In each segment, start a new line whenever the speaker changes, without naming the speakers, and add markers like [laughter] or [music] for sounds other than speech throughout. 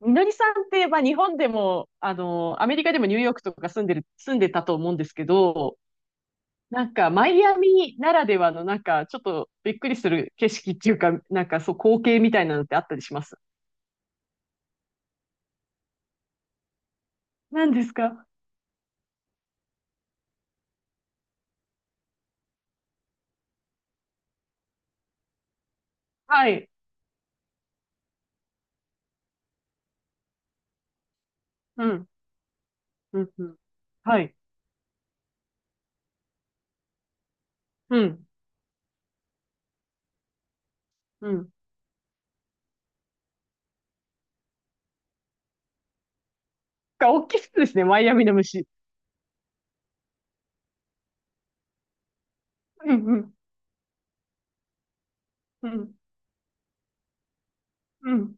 みのりさんって、まあ、日本でも、アメリカでもニューヨークとか住んでたと思うんですけど、なんか、マイアミならではの、なんか、ちょっとびっくりする景色っていうか、なんか、そう、光景みたいなのってあったりします？何ですか？はい。うん。うん。うん。はい。うん。うん。が、大きそうですね、マイアミの虫。うん。うん。うん。うん。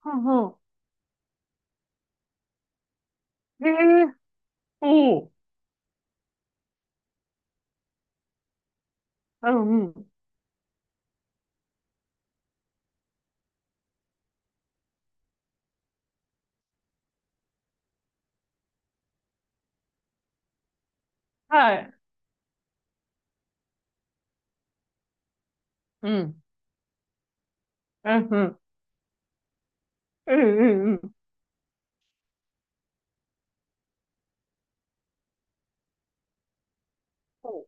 ほうほう。ええ、おおう。うんうん。はい。うん。うんうん。うんうんうん。ほ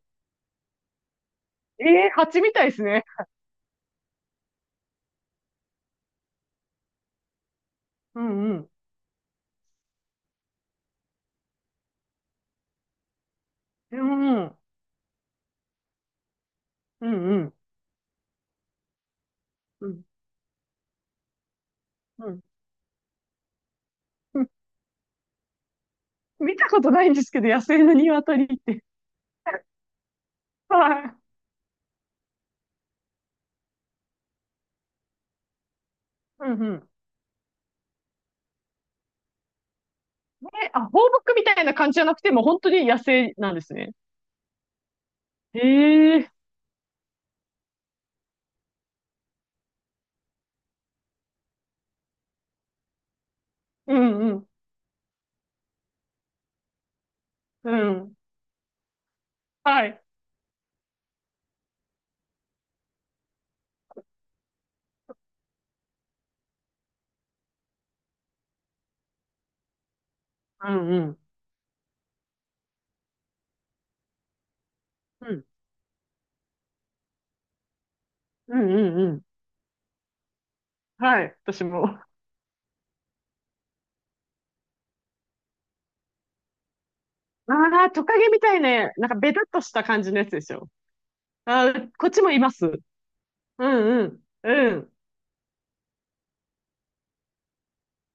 う、ええー、蜂みたいですね。うんうん。うんうんうんうん。うん、うん。[laughs] うん、見たことないんですけど、野生の鶏って。[laughs] はい。うんうん。え、あ、放牧みたいな感じじゃなくて、もう本当に野生なんですね。へえ。うんうん。うん。はい。うんうん。うん。うんうんうん。はい。私も。ああ、トカゲみたいな、なんかベタっとした感じのやつでしょ。ああ、こっちもいます。うんうん。うん。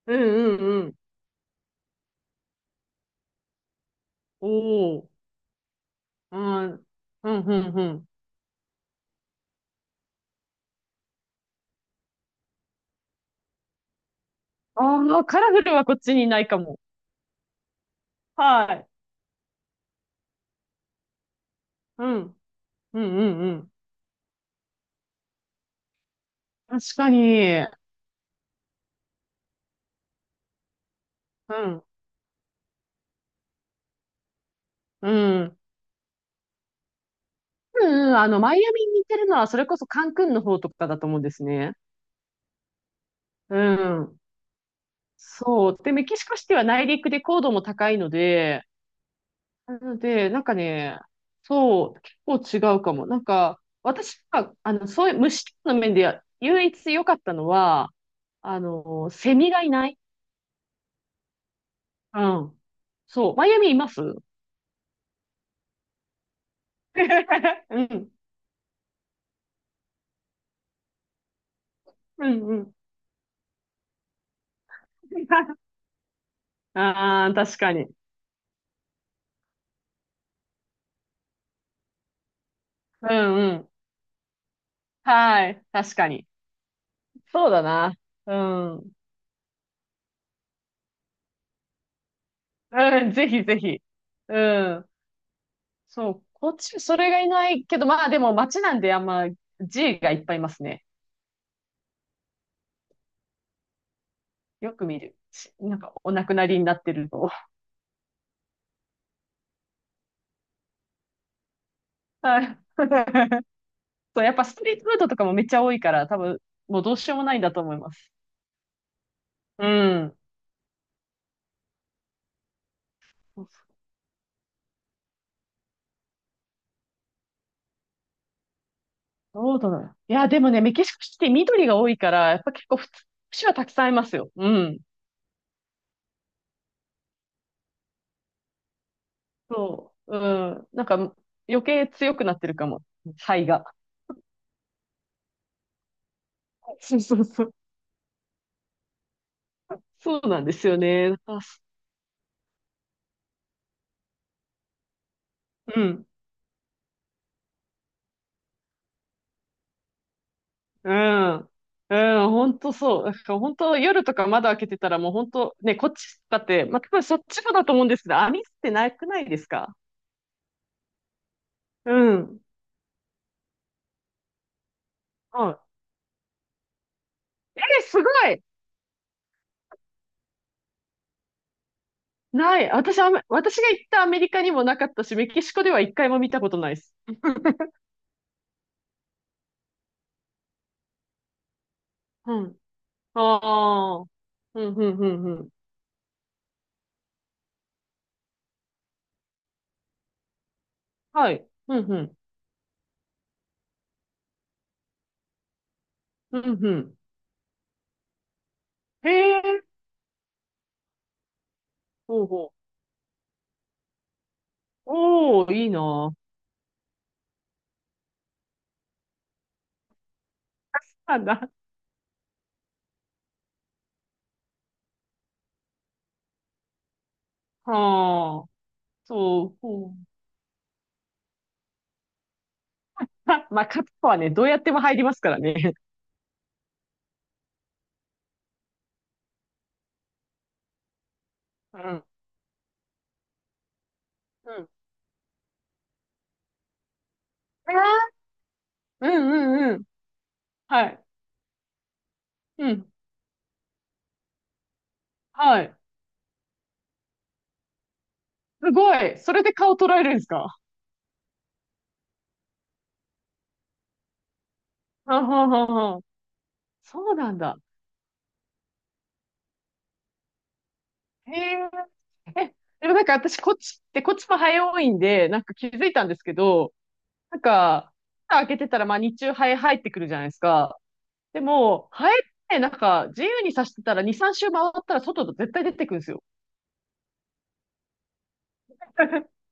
うんうんうん。おお。うん。うんうんうん。ああ、カラフルはこっちにいないかも。はい。うん。うんうんうん。確かに。うん。うん。うんうん、マイアミに似てるのは、それこそカンクンの方とかだと思うんですね。うん。そう。で、メキシコシティは内陸で高度も高いので、なので、なんかね、そう、結構違うかも。なんか、私が、そういう虫の面で唯一良かったのは、セミがいない。うん、そう。マイアミいます？ [laughs] うん。うんうん。[laughs] ああ、確かに。うんうん。はい。確かに。そうだな。うん。うん、ぜひぜひ。うん。そう。こっち、それがいないけど、まあでも街なんであんま G がいっぱいいますね。よく見る。しなんかお亡くなりになってると。[laughs] はい。[laughs] そう、やっぱストリートフードとかもめっちゃ多いから、多分もうどうしようもないんだと思います。うん。どうだろう。いや、でもね、メキシコシティ緑が多いから、やっぱ結構普通、虫はたくさんいますよ。うん。そう。うん。なんか、余計強くなってるかも。肺が。そうそうそう。そうなんですよね。うん。うん。うん、本当そう。だから本当夜とか窓開けてたらもう本当ね、こっちだって、まあ、多分そっちもだと思うんですけど、網ってなくないですか？うん。うん。えー、すごい、ない。私、私が行ったアメリカにもなかったし、メキシコでは一回も見たことないです。うん。ああ。うん、うん、うん、うん。はい。うん、うん。うん、うん。へえ。ほうほう。おー、いいな。あ、な、はあ。そう、ほう。[laughs] は、まあ、カップはね、どうやっても入りますからね。[laughs] うん。うん。うんうんうん。はい。うん。はい。すごい。それで顔捉えるんですか？ [laughs] はんはんはんはん、そうなんだ。へえ。え、でもなんか私、こっちって、こっちも早いんで、なんか気づいたんですけど、なんか、蓋開けてたら、まあ日中ハエ入ってくるじゃないですか。でも、ハエってなんか自由に刺してたら2、3周回ったら外と絶対出てくるんですよ。[laughs]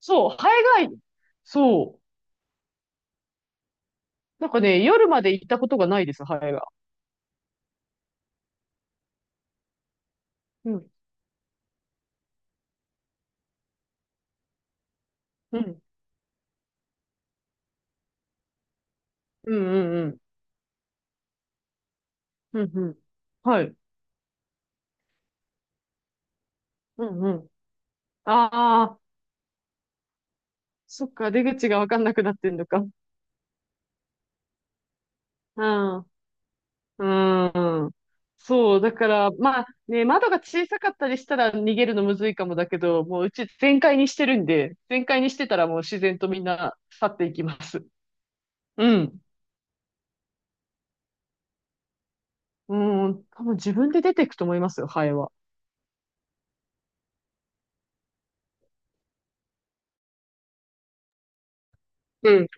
そう、ハエが、そう。なんかね、夜まで行ったことがないです、ハエが。うん。うん。うんうんうん。うんうん。はい。うんうん。ああ、そっか、出口がわかんなくなってんのか。うん。うん。そう、だから、まあね、窓が小さかったりしたら逃げるのむずいかもだけど、もううち全開にしてるんで、全開にしてたらもう自然とみんな去っていきます。うん。うん、多分自分で出ていくと思いますよ、ハエは。うん。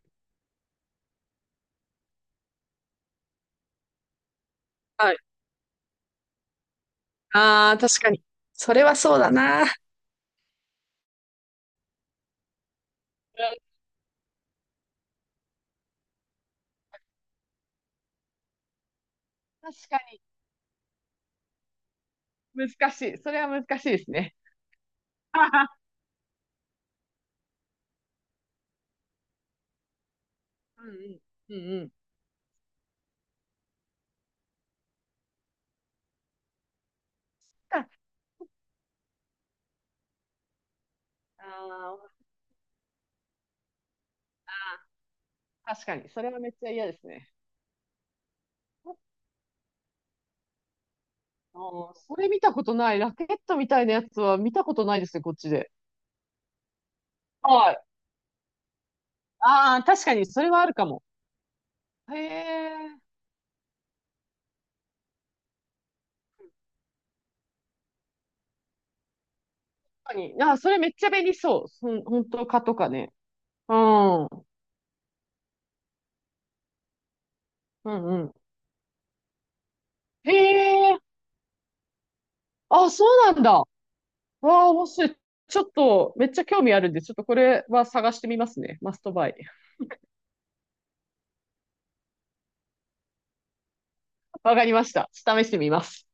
はい。ああ、確かに。うん、確かに。難しい。それは難しいですね。[laughs] うんうん。うんうん。ああ、確かに。それはめっちゃ嫌ですね。あー、それ見たことない。ラケットみたいなやつは見たことないですね、こっちで。はい。ああ、確かに、それはあるかも。へえ、確かに。あー、それめっちゃ便利そう。そん、本当かとかね。うん。うんうん。へえ、あ、そうなんだ。わあ、面白い。ちょっと、めっちゃ興味あるんで、ちょっとこれは探してみますね。マストバイ。[laughs] わかりました。試してみます。